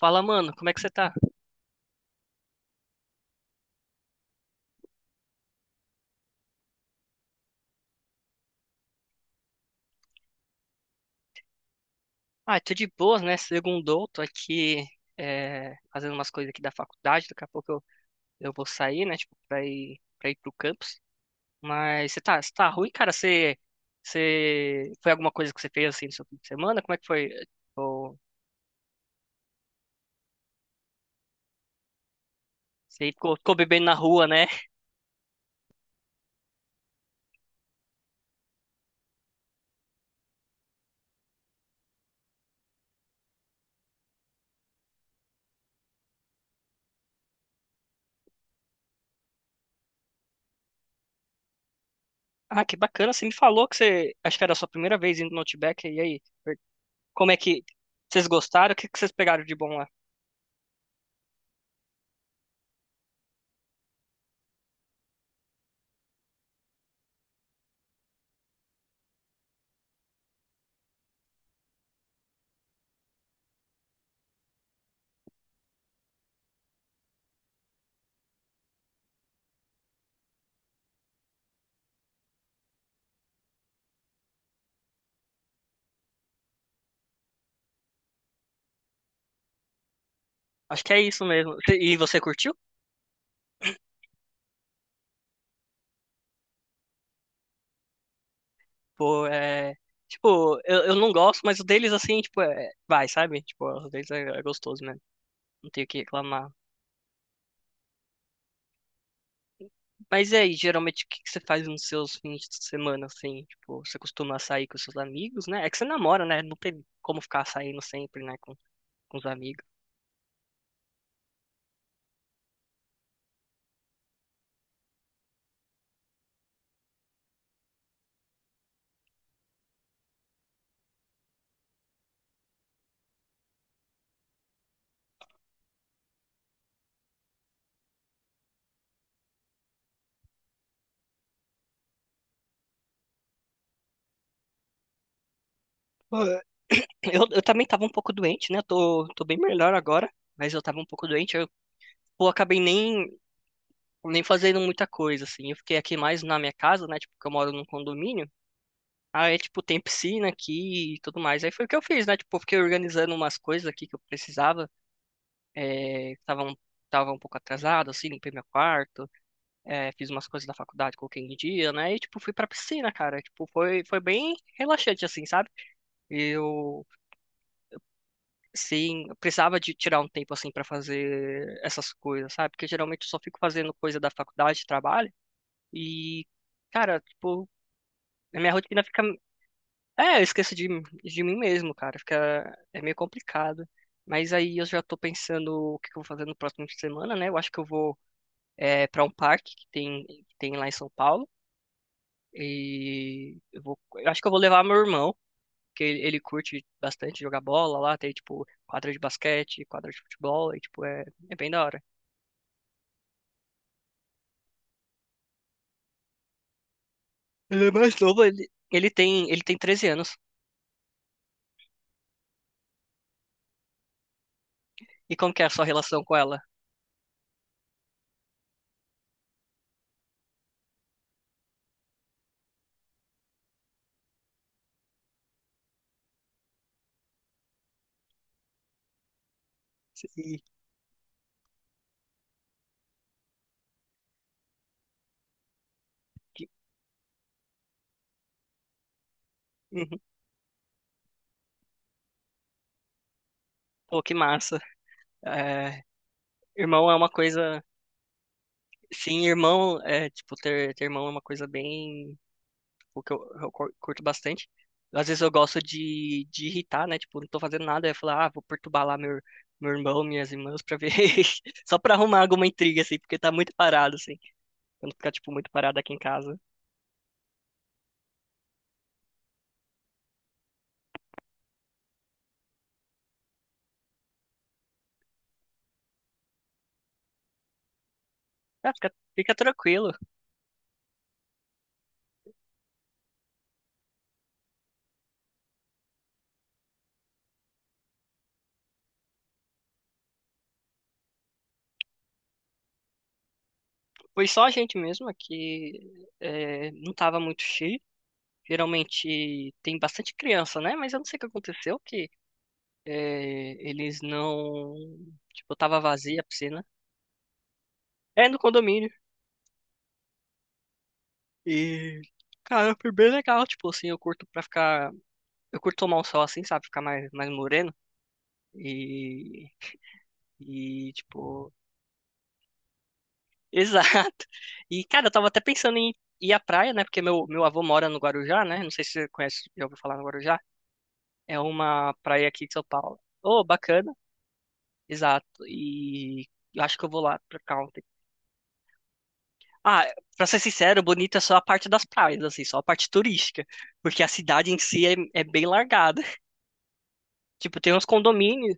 Fala, mano, como é que você tá? Ah, tô de boas, né? Segundou, tô aqui fazendo umas coisas aqui da faculdade, daqui a pouco eu vou sair, né? Tipo, pra ir pro campus. Mas você tá ruim, cara? Você foi alguma coisa que você fez assim no seu fim de semana? Como é que foi? Ou você ficou bebendo na rua, né? Ah, que bacana, você me falou que você, acho que era a sua primeira vez indo no Outback, e aí? Como é que, vocês gostaram? O que que vocês pegaram de bom lá? Acho que é isso mesmo. E você curtiu? Pô, é. Tipo, eu não gosto, mas o deles, assim, tipo, vai, sabe? Tipo, o deles é gostoso, né? Não tenho o que reclamar. Mas e aí, geralmente, o que que você faz nos seus fins de semana, assim? Tipo, você costuma sair com seus amigos, né? É que você namora, né? Não tem como ficar saindo sempre, né, com os amigos. Pô, eu, também tava um pouco doente, né? Tô bem melhor agora, mas eu tava um pouco doente. Eu, pô, acabei nem fazendo muita coisa, assim. Eu fiquei aqui mais na minha casa, né? Tipo, que eu moro num condomínio. Aí, tipo, tem piscina aqui e tudo mais. Aí foi o que eu fiz, né? Tipo, eu fiquei organizando umas coisas aqui que eu precisava. É, tava um pouco atrasado, assim, limpei meu quarto. Fiz umas coisas da faculdade, coloquei em dia, né? E, tipo, fui pra piscina, cara. Tipo, foi bem relaxante, assim, sabe? Eu, sim, eu precisava de tirar um tempo, assim, pra fazer essas coisas, sabe? Porque geralmente eu só fico fazendo coisa da faculdade, trabalho. E, cara, tipo, a minha rotina fica. É, de mim mesmo, cara. Fica, é meio complicado. Mas aí eu já tô pensando o que que eu vou fazer no próximo fim de semana, né? Eu acho que eu vou para um parque que tem lá em São Paulo. E eu vou, eu acho que eu vou levar meu irmão, que ele curte bastante jogar bola lá. Tem, tipo, quadra de basquete, quadra de futebol. E, tipo, é, é bem da hora. Ele é mais novo, ele tem, ele tem 13 anos. E como que é a sua relação com ela? E, que- Uhum. Pô, que massa. É, irmão é uma coisa. Sim, irmão, é, tipo, ter irmão é uma coisa bem, tipo, que eu, curto bastante. Às vezes eu gosto de irritar, né? Tipo, não tô fazendo nada, eu falar, ah, vou perturbar lá meu irmão, minhas irmãs, pra ver, só pra arrumar alguma intriga, assim, porque tá muito parado, assim, quando ficar, tipo, muito parado aqui em casa. Ah, fica tranquilo. Foi só a gente mesmo é que é, não tava muito cheio. Geralmente tem bastante criança, né? Mas eu não sei o que aconteceu, que é, eles não... Tipo, tava vazia a piscina. É no condomínio. E, cara, foi bem legal. Tipo assim, eu curto pra ficar. Eu curto tomar um sol assim, sabe? Ficar mais, mais moreno. E. E, tipo. Exato. E, cara, eu tava até pensando em ir à praia, né? Porque meu avô mora no Guarujá, né? Não sei se você conhece, já ouviu falar no Guarujá. É uma praia aqui de São Paulo. Ô, bacana. Exato. E eu acho que eu vou lá pra cá ontem. Ah, pra ser sincero, bonita é só a parte das praias, assim, só a parte turística. Porque a cidade em si é bem largada. Tipo,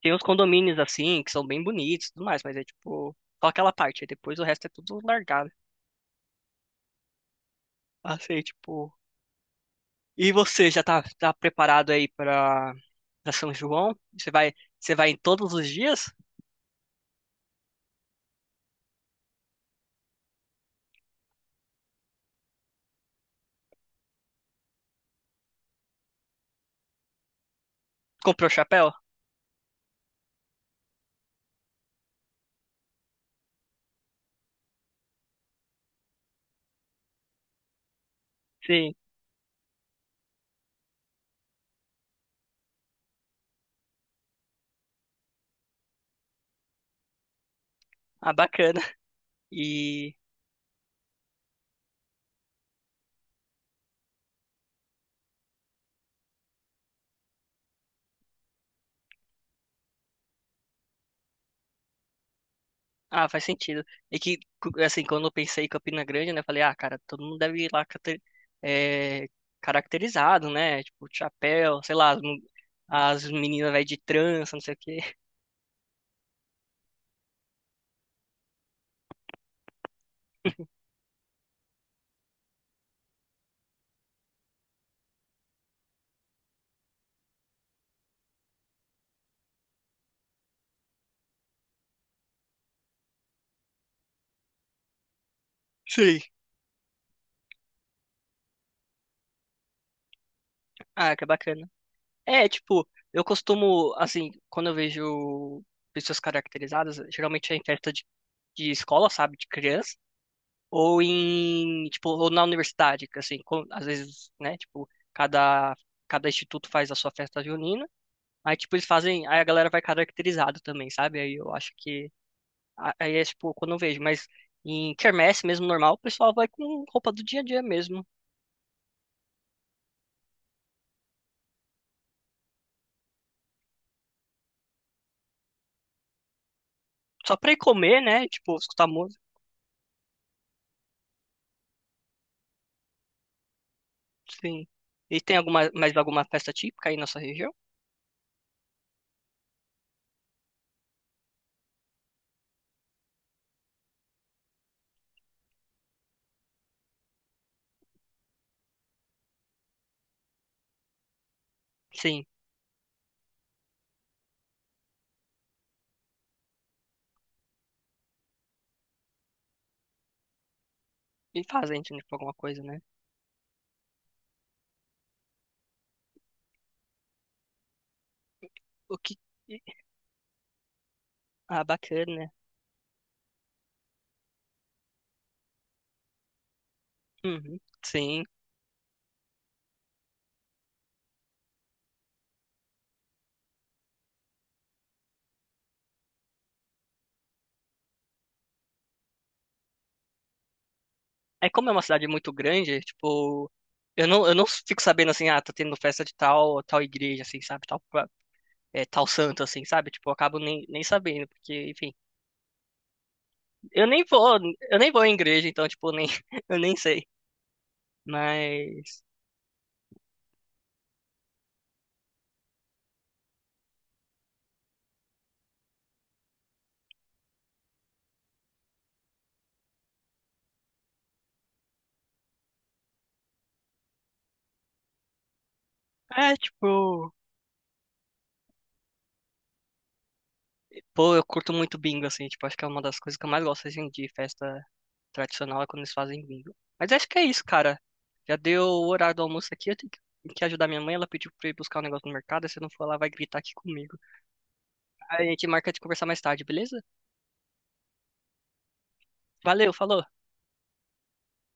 tem uns condomínios assim, que são bem bonitos e tudo mais, mas é tipo, só aquela parte, aí depois o resto é tudo largado. Assim, tipo. E você tá preparado aí pra, pra São João? Você vai em todos os dias? Comprou chapéu? Sim. Ah, bacana. E. Ah, faz sentido. E que, cu- assim, quando eu pensei em Campina Grande, né, eu falei, ah, cara, todo mundo deve ir lá cate- é, caracterizado, né? Tipo, de chapéu, sei lá, as mu- as meninas vai de trança, não sei o quê. Sim. Ah, que bacana. É, tipo, eu costumo, assim, quando eu vejo pessoas caracterizadas, geralmente é em festa de escola, sabe, de criança, ou em, tipo, ou na universidade, que assim, com- às vezes, né, tipo, cada, cada instituto faz a sua festa junina, aí, tipo, eles fazem, aí a galera vai caracterizado também, sabe, aí eu acho que, a- aí é, tipo, quando eu vejo, mas em quermesse mesmo, normal, o pessoal vai com roupa do dia a dia mesmo, só pra ir comer, né, tipo, escutar música. Sim. E tem alguma, mais alguma festa típica aí na sua região? Sim. E fazem, tipo, alguma coisa, né? O que... Ah, bacana. Uhum. Sim. É como é uma cidade muito grande, tipo... eu não fico sabendo, assim, ah, tá tendo festa de tal, tal igreja, assim, sabe? Tal, pa- é, tal santo, assim, sabe? Tipo, eu acabo nem sabendo, porque, enfim... Eu nem vou, eu nem vou em igreja, então, tipo, nem, eu nem sei. Mas... É, tipo... Pô, eu curto muito bingo, assim, tipo, acho que é uma das coisas que eu mais gosto, assim, de festa tradicional é quando eles fazem bingo. Mas acho que é isso, cara. Já deu o horário do almoço aqui. Eu tenho que ajudar minha mãe. Ela pediu pra eu ir buscar um negócio no mercado. Se eu não for, ela vai gritar aqui comigo. Aí a gente marca de conversar mais tarde, beleza? Valeu, falou.